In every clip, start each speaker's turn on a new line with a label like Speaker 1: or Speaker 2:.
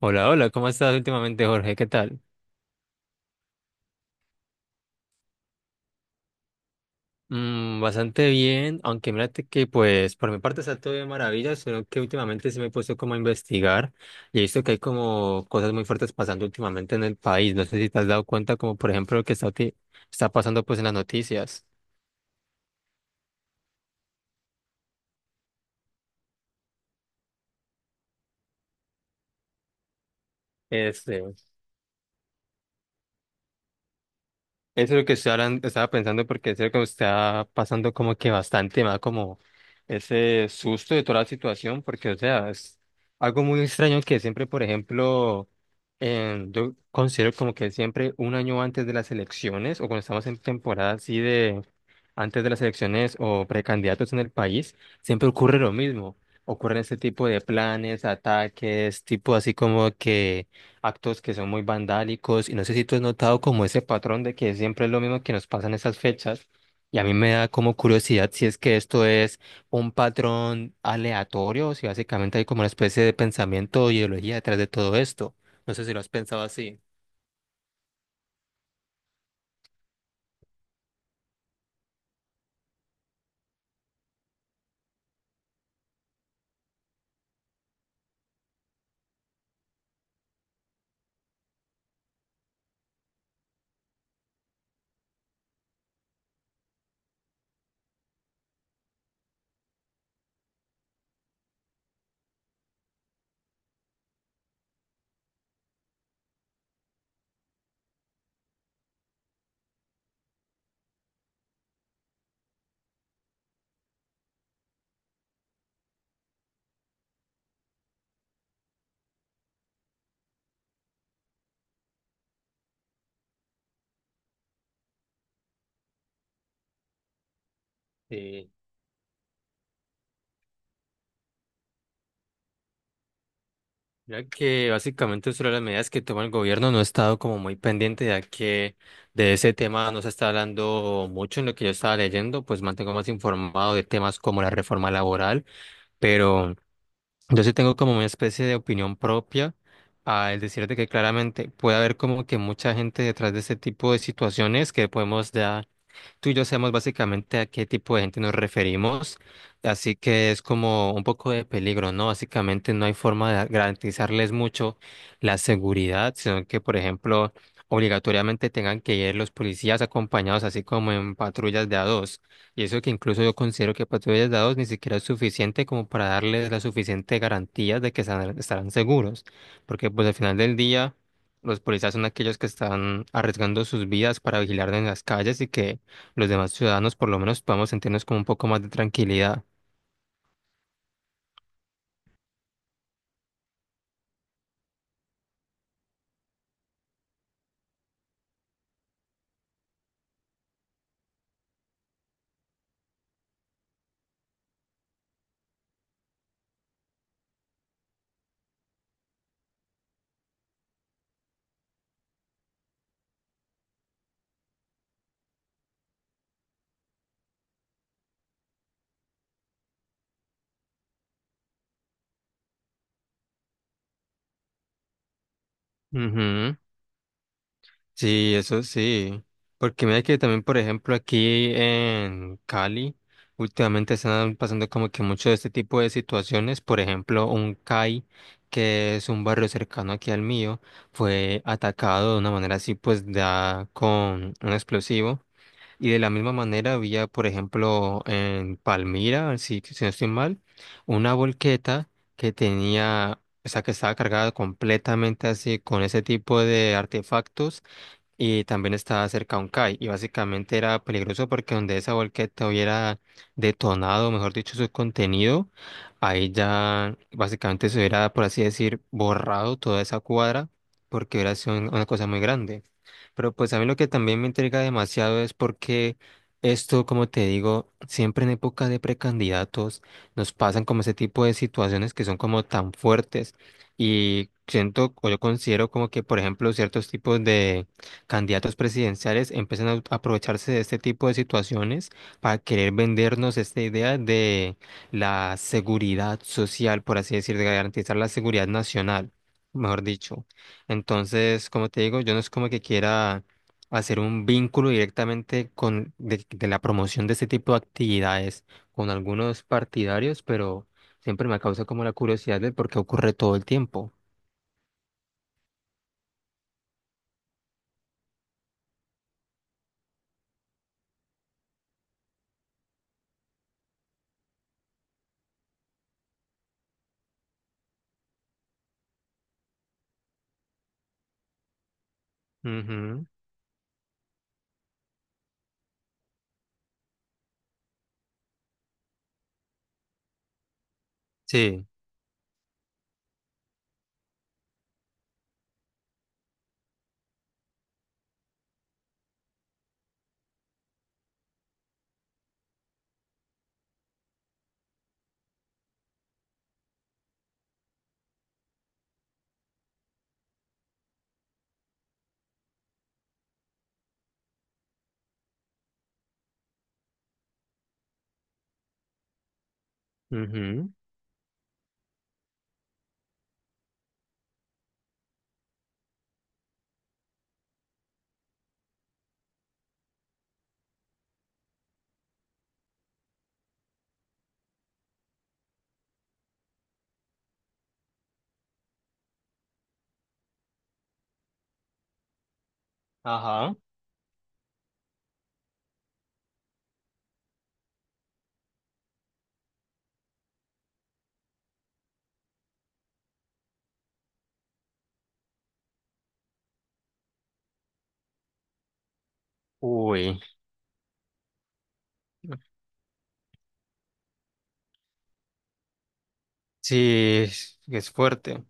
Speaker 1: Hola, hola, ¿cómo estás últimamente, Jorge? ¿Qué tal? Bastante bien, aunque mírate que pues por mi parte está todo de maravilla, solo que últimamente se me he puesto como a investigar y he visto que hay como cosas muy fuertes pasando últimamente en el país. No sé si te has dado cuenta, como por ejemplo lo que está, está pasando pues en las noticias. este, Eso es lo que estoy estaba pensando porque es lo que me está pasando como que bastante más como ese susto de toda la situación porque o sea es algo muy extraño que siempre por ejemplo yo considero como que siempre un año antes de las elecciones o cuando estamos en temporada así de antes de las elecciones o precandidatos en el país siempre ocurre lo mismo, ocurren este tipo de planes, ataques tipo así como que actos que son muy vandálicos y no sé si tú has notado como ese patrón de que siempre es lo mismo que nos pasa en esas fechas, y a mí me da como curiosidad si es que esto es un patrón aleatorio o si básicamente hay como una especie de pensamiento o ideología detrás de todo esto. No sé si lo has pensado así. Sí. Mira que básicamente sobre las medidas que toma el gobierno no he estado como muy pendiente ya que de ese tema no se está hablando mucho en lo que yo estaba leyendo, pues mantengo más informado de temas como la reforma laboral, pero... Yo sí tengo como una especie de opinión propia al decirte que claramente puede haber como que mucha gente detrás de este tipo de situaciones que podemos ya, tú y yo sabemos básicamente a qué tipo de gente nos referimos, así que es como un poco de peligro, ¿no? Básicamente no hay forma de garantizarles mucho la seguridad, sino que, por ejemplo, obligatoriamente tengan que ir los policías acompañados, así como en patrullas de a dos. Y eso que incluso yo considero que patrullas de a dos ni siquiera es suficiente como para darles la suficiente garantía de que estarán seguros, porque pues al final del día... Los policías son aquellos que están arriesgando sus vidas para vigilar en las calles y que los demás ciudadanos por lo menos podamos sentirnos como un poco más de tranquilidad. Ujú. Sí, eso sí. Porque mira que también, por ejemplo, aquí en Cali, últimamente están pasando como que mucho de este tipo de situaciones. Por ejemplo, un CAI, que es un barrio cercano aquí al mío, fue atacado de una manera así, pues da con un explosivo. Y de la misma manera había, por ejemplo, en Palmira, si, si no estoy mal, una volqueta que tenía, o sea, que estaba cargada completamente así con ese tipo de artefactos y también estaba cerca a un CAI y básicamente era peligroso porque donde esa volqueta hubiera detonado, mejor dicho, su contenido, ahí ya básicamente se hubiera, por así decir, borrado toda esa cuadra porque hubiera sido una cosa muy grande. Pero pues a mí lo que también me intriga demasiado es porque esto, como te digo, siempre en época de precandidatos nos pasan como ese tipo de situaciones que son como tan fuertes y siento o yo considero como que, por ejemplo, ciertos tipos de candidatos presidenciales empiezan a a aprovecharse de este tipo de situaciones para querer vendernos esta idea de la seguridad social, por así decir, de garantizar la seguridad nacional, mejor dicho. Entonces, como te digo, yo no es como que quiera hacer un vínculo directamente con de la promoción de este tipo de actividades con algunos partidarios, pero siempre me causa como la curiosidad de por qué ocurre todo el tiempo. Ujú. Sí. Ujú. Ajá. Uy. Sí, es fuerte.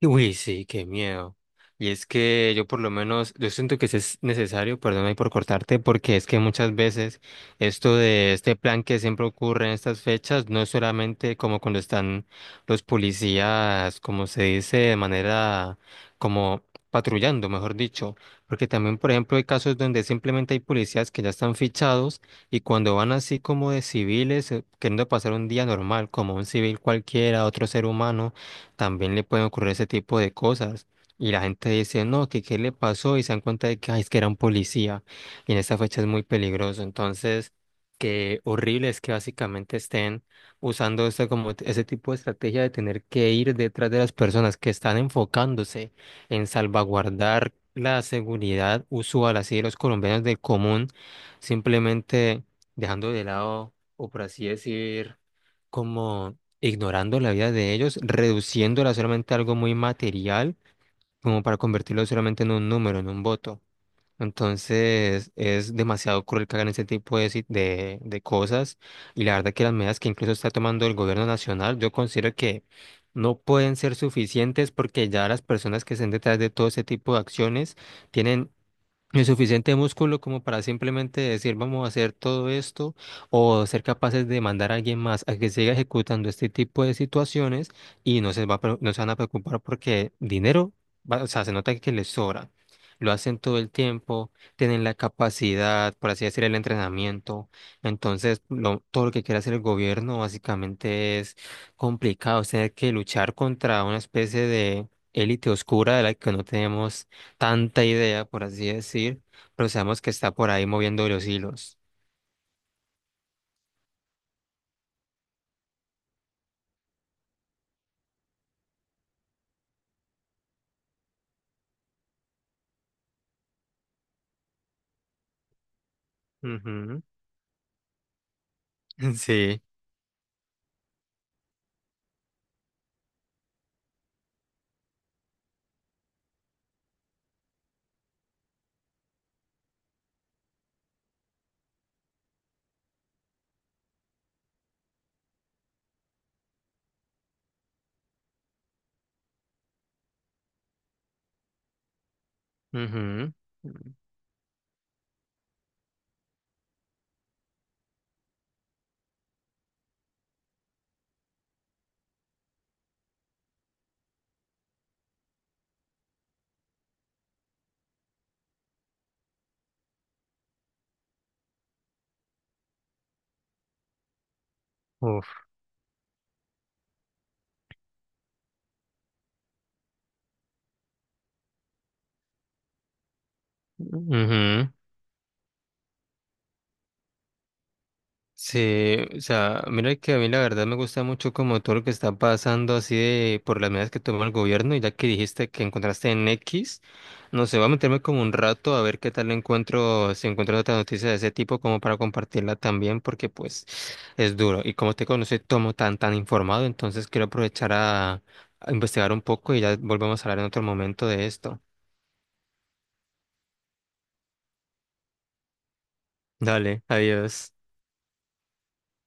Speaker 1: Uy, sí, qué miedo. Y es que yo por lo menos, yo siento que sí es necesario, perdón ahí por cortarte, porque es que muchas veces esto de este plan que siempre ocurre en estas fechas no es solamente como cuando están los policías, como se dice, de manera como patrullando, mejor dicho, porque también, por ejemplo, hay casos donde simplemente hay policías que ya están fichados y cuando van así como de civiles, queriendo pasar un día normal, como un civil cualquiera, otro ser humano también le pueden ocurrir ese tipo de cosas. Y la gente dice, no, que qué le pasó y se dan cuenta de que, ay, es que era un policía. Y en esta fecha es muy peligroso. Entonces, qué horrible es que básicamente estén usando este, como ese tipo de estrategia de tener que ir detrás de las personas que están enfocándose en salvaguardar la seguridad usual, así de los colombianos del común, simplemente dejando de lado, o por así decir, como ignorando la vida de ellos, reduciéndola solamente a algo muy material, como para convertirlo solamente en un número, en un voto. Entonces es demasiado cruel que hagan ese tipo de, de cosas, y la verdad que las medidas que incluso está tomando el gobierno nacional, yo considero que no pueden ser suficientes porque ya las personas que estén detrás de todo ese tipo de acciones tienen el suficiente músculo como para simplemente decir vamos a hacer todo esto o ser capaces de mandar a alguien más a que siga ejecutando este tipo de situaciones y no se no se van a preocupar porque dinero, o sea, se nota que les sobra. Lo hacen todo el tiempo, tienen la capacidad, por así decir, el entrenamiento. Entonces, todo lo que quiere hacer el gobierno básicamente es complicado, es tener que luchar contra una especie de élite oscura de la que no tenemos tanta idea, por así decir, pero sabemos que está por ahí moviendo los hilos. Ujú. Sí. Ujú. Uf. Ujú. Sí, o sea, mira que a mí la verdad me gusta mucho como todo lo que está pasando así de por las medidas que toma el gobierno y ya que dijiste que encontraste en X, no sé, voy a meterme como un rato a ver qué tal encuentro, si encuentro otra noticia de ese tipo como para compartirla también porque pues es duro y como te conocí tomo tan informado, entonces quiero aprovechar a investigar un poco y ya volvemos a hablar en otro momento de esto. Dale, adiós.